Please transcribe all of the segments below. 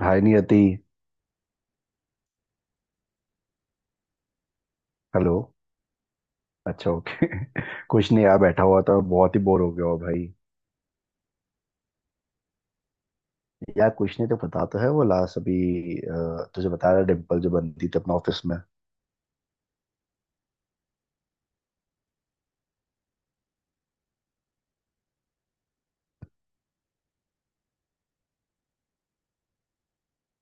हाय Niyati. Hello. अच्छा okay कुछ नहीं यार, बैठा हुआ था, बहुत ही बोर हो गया हो भाई। यार कुछ नहीं, तो पता तो है वो लास्ट अभी। तुझे बता रहा डिम्पल जो बनती थी अपने ऑफिस में।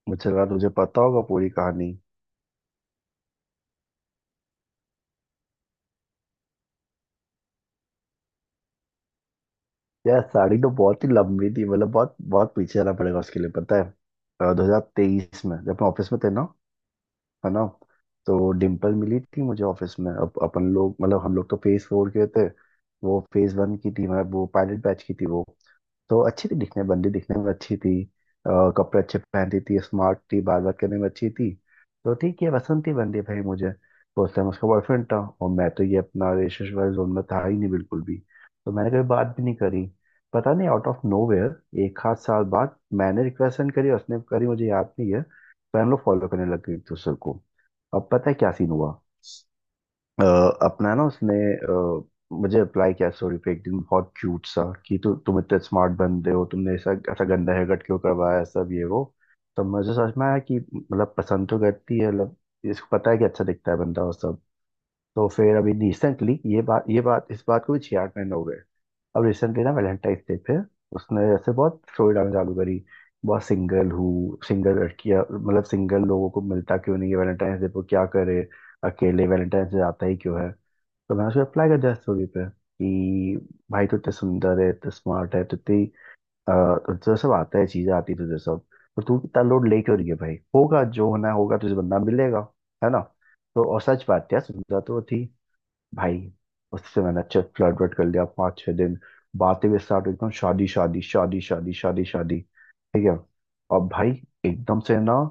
मुझे लगा तुझे पता होगा पूरी कहानी। यार साड़ी तो बहुत ही लंबी थी, मतलब बहुत बहुत पीछे जाना पड़ेगा उसके लिए, पता है। 2023 में जब मैं ऑफिस में थे ना, है ना। तो डिम्पल मिली थी मुझे ऑफिस में। अब अपन लोग मतलब हम लोग तो फेज 4 के थे। वो फेज 1 की थी, मतलब वो पायलट बैच की थी। वो तो अच्छी थी दिखने, बंदी दिखने में अच्छी थी। कपड़े अच्छे पहनती थी, स्मार्ट थी, बात बात करने में अच्छी थी। तो ठीक है, पसंद थी बंदी भाई मुझे। तो उस टाइम उसका बॉयफ्रेंड था और मैं तो ये अपना रिलेशनशिप वाले जोन में था ही नहीं बिल्कुल भी। तो मैंने कभी बात भी नहीं करी। पता नहीं आउट ऑफ नोवेयर एक आध साल बाद मैंने रिक्वेस्ट सेंड करी, उसने करी मुझे याद नहीं है। फैन लोग फॉलो करने लग गए एक दूसरे को। अब पता है क्या सीन हुआ। अ, अपना ना उसने मुझे अप्लाई किया स्टोरी पे एक दिन, बहुत क्यूट सा कि तुम इतने स्मार्ट बंदे हो, तुमने ऐसा ऐसा गंदा हेयर कट क्यों करवाया, सब ये वो। तो मुझे समझ में आया कि मतलब पसंद तो करती है, मतलब इसको पता है कि अच्छा दिखता है बंदा और सब। तो फिर अभी रिसेंटली ये बात इस बात को भी 66 महीने हो गए। अब रिसेंटली ना, वैलेंटाइन डे पे उसने ऐसे बहुत स्टोरी डालना चालू करी। बहुत सिंगल हूँ, सिंगल लड़कियाँ मतलब सिंगल लोगों को मिलता क्यों नहीं है, वैलेंटाइन डे पर क्या करे। अकेले वैलेंटाइन डे आता ही क्यों है। तो मैंने उसे अप्लाई कर दिया स्टोरी पे कि भाई तू इतने सुंदर है, इतने स्मार्ट है, तो इतनी अ, तुझे सब आता है, चीजें आती है तुझे सब। तो तू इतना लोड ले क्यों रही है भाई, होगा जो होना होगा, तुझे बंदा मिलेगा, है ना। तो और सच बात है, सुंदर तो वो थी भाई। उससे मैंने अच्छे फ्लर्ट वर्ट कर लिया 5-6 दिन। बातें भी स्टार्ट, एकदम शादी शादी शादी शादी शादी शादी, ठीक है। और भाई एकदम से ना,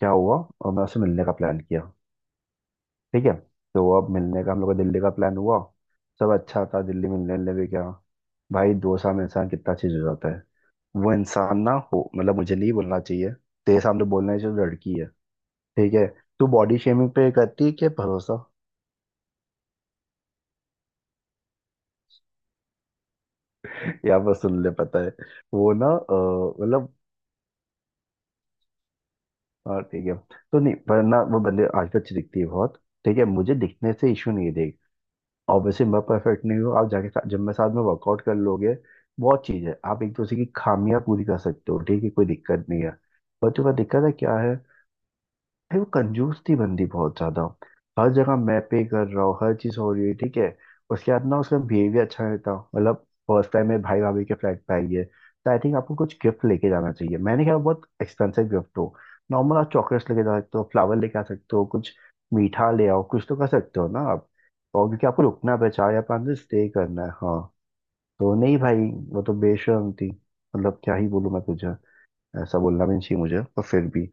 क्या हुआ। और मैं उससे मिलने का प्लान किया, ठीक है। तो अब मिलने का हम लोग का दिल्ली का प्लान हुआ। सब अच्छा था दिल्ली, मिलने मिलने भी क्या, भाई 2 साल में इंसान कितना चीज हो जाता है। वो इंसान ना हो, मतलब मुझे नहीं बोलना चाहिए, तेरे सामने बोलना चाहिए जो लड़की है, ठीक है। तू बॉडी शेमिंग पे करती है क्या भरोसा। यहाँ पर सुन ले, पता है। वो ना मतलब, और ठीक है। तो नहीं वरना वो बंदे आजकल अच्छी दिखती है बहुत, ठीक है, मुझे दिखने से इशू नहीं है, देख। ऑब्वियसली मैं परफेक्ट नहीं हूँ, आप जाके साथ, जब मैं साथ में वर्कआउट कर लोगे। बहुत चीज है, आप एक दूसरे की खामियां पूरी कर सकते हो, ठीक है, कोई दिक्कत नहीं है। पर तुम्हें दिक्कत है क्या है। भाई वो कंजूस थी बंदी बहुत ज्यादा। हर जगह मैं पे कर रहा हूँ, हर चीज हो रही है, ठीक है। उसके बाद ना उसका बिहेवियर अच्छा नहीं था, मतलब फर्स्ट टाइम मेरे भाई भाभी के फ्लैट पे आई है तो आई थिंक आपको कुछ गिफ्ट लेके जाना चाहिए। मैंने कहा बहुत एक्सपेंसिव गिफ्ट हो, नॉर्मल आप चॉकलेट्स लेके जा सकते हो, फ्लावर लेके आ सकते हो, कुछ मीठा ले आओ, कुछ तो कर सकते हो ना आप। और क्योंकि आपको रुकना है, 4 या 5 दिन स्टे करना है, हाँ। तो नहीं भाई, वो तो बेशर्म थी। मतलब क्या ही बोलूँ मैं तुझे, ऐसा बोलना भी नहीं चाहिए मुझे पर फिर भी।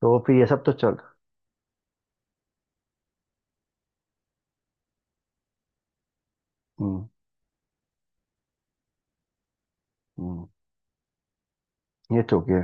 तो फिर ये सब तो चल। हम्म। हम्म, ये ठीक है।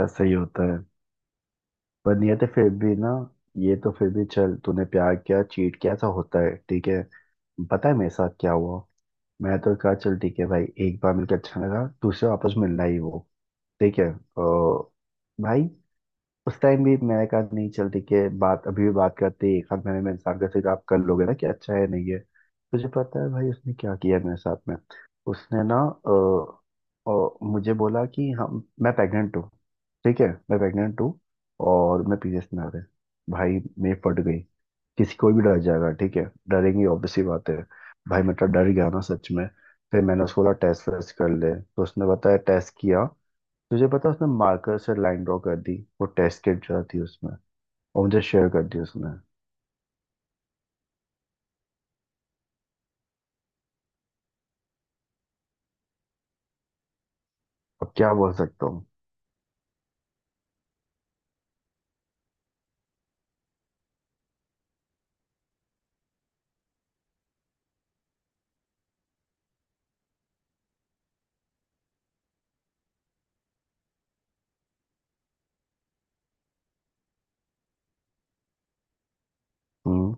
ऐसा ही होता है। पर नहीं तो फिर भी ना, ये तो फिर भी चल, तूने प्यार किया, चीट किया, ऐसा होता है, ठीक है। पता है मेरे साथ क्या हुआ। मैं तो कहा चल ठीक है भाई, एक बार मिलकर अच्छा लगा, दूसरा वापस मिलना ही वो, ठीक है। अ, भाई उस टाइम भी मैंने कहा नहीं चल ठीक है, बात अभी भी बात करते हैं, एक हाथ मैंने में इंसान का सिर्फ आप कर लोगे ना कि अच्छा है नहीं है। तुझे पता है भाई उसने क्या किया मेरे साथ में। उसने ना मुझे बोला कि हम, मैं प्रेग्नेंट हूँ। ठीक है, मैं प्रेग्नेंट हूँ। और मैं पीरियड्स में आ रहे। भाई मैं फट गई। किसी, कोई भी डर जाएगा, ठीक है, डरेंगी, ऑब्वियसली बात है। भाई मैं तो डर गया ना सच में। फिर मैंने उसको बोला टेस्ट वेस्ट कर ले, तो उसने बताया टेस्ट किया। तुझे पता उसने मार्कर से लाइन ड्रॉ कर दी वो टेस्ट किट जो थी उसमें, और मुझे शेयर कर दी उसने। अब क्या बोल सकता हूँ। हम्म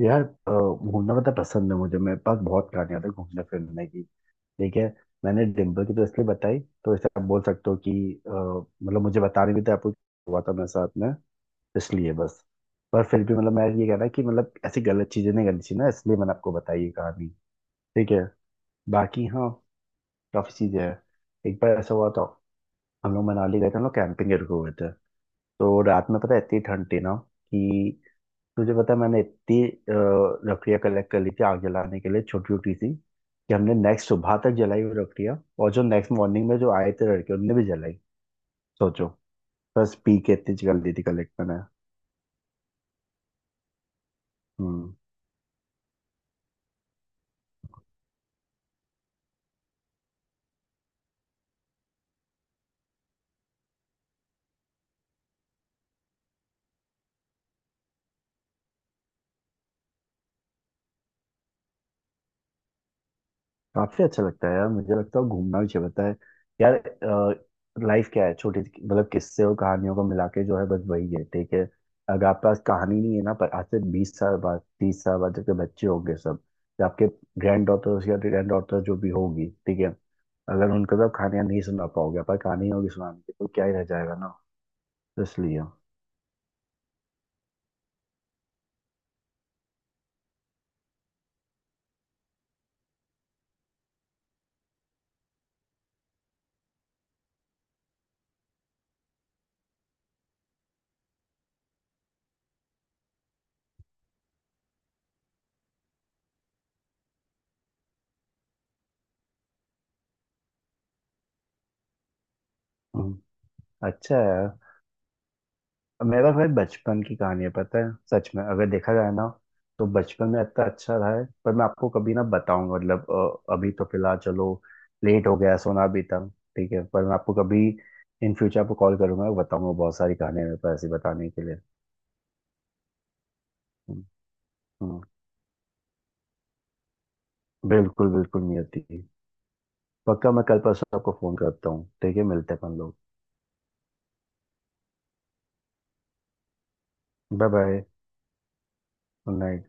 यार, घूमना पता पसंद है मुझे, मेरे पास बहुत कहानियां थी घूमने फिरने की, ठीक है। मैंने डिम्पल की तो इसलिए बताई, तो इसे आप बोल सकते हो कि मतलब मुझे बताने भी था आपको क्या हुआ था मेरे साथ में, इसलिए बस। पर फिर भी मतलब मैं ये कह रहा कि मतलब ऐसी गलत चीजें नहीं करनी चाहिए ना, इसलिए मैंने आपको बताई ये कहानी, ठीक है। बाकी हाँ, काफी चीजें हैं। एक बार ऐसा हुआ था, हम लोग मनाली गए थे, हम लोग कैंपिंग के रुके हुए थे। तो रात में पता है इतनी ठंड थी ना कि तुझे पता है मैंने इतनी लकड़ियाँ कलेक्ट कर ली थी आग जलाने के लिए, छोटी छोटी सी, कि हमने नेक्स्ट सुबह तक जलाई हुई लकड़ियाँ, और जो नेक्स्ट मॉर्निंग में जो आए थे लड़के उनने भी जलाई। सोचो। बस पी के इतनी जल दी थी कलेक्ट मैंने। हम्म। काफी अच्छा लगता है यार, मुझे लगता है घूमना भी चाहिए, बताए। यार लाइफ क्या है मतलब किस्से और कहानियों को मिला के जो है बस वही है, ठीक है। अगर आपके पास कहानी नहीं है ना, पर आज से 20 साल बाद, 30 साल बाद जबकि बच्चे होंगे सब, या आपके ग्रैंड डॉटर्स या ग्रैंड डॉटर जो भी होगी, ठीक है। अगर उनको तो कहानियां नहीं सुना पाओगे, पर कहानी होगी सुनाने की तो क्या ही रह जाएगा ना। तो इसलिए। हम्म, अच्छा है। मेरा भाई बचपन की कहानी है, पता है, सच में अगर देखा जाए ना, तो बचपन में इतना अच्छा रहा है, पर मैं आपको कभी ना बताऊंगा, मतलब अभी तो फिलहाल चलो, लेट हो गया है, सोना भी था, ठीक है। पर मैं आपको कभी, इन फ्यूचर आपको कॉल करूंगा, बताऊंगा, बहुत सारी कहानियां मेरे पास ऐसी बताने के लिए। हम्म, हम्म, बिल्कुल बिल्कुल नहीं आती। पक्का मैं कल परसों आपको फोन करता हूँ, ठीक है, मिलते हैं अपन लोग। Bye bye.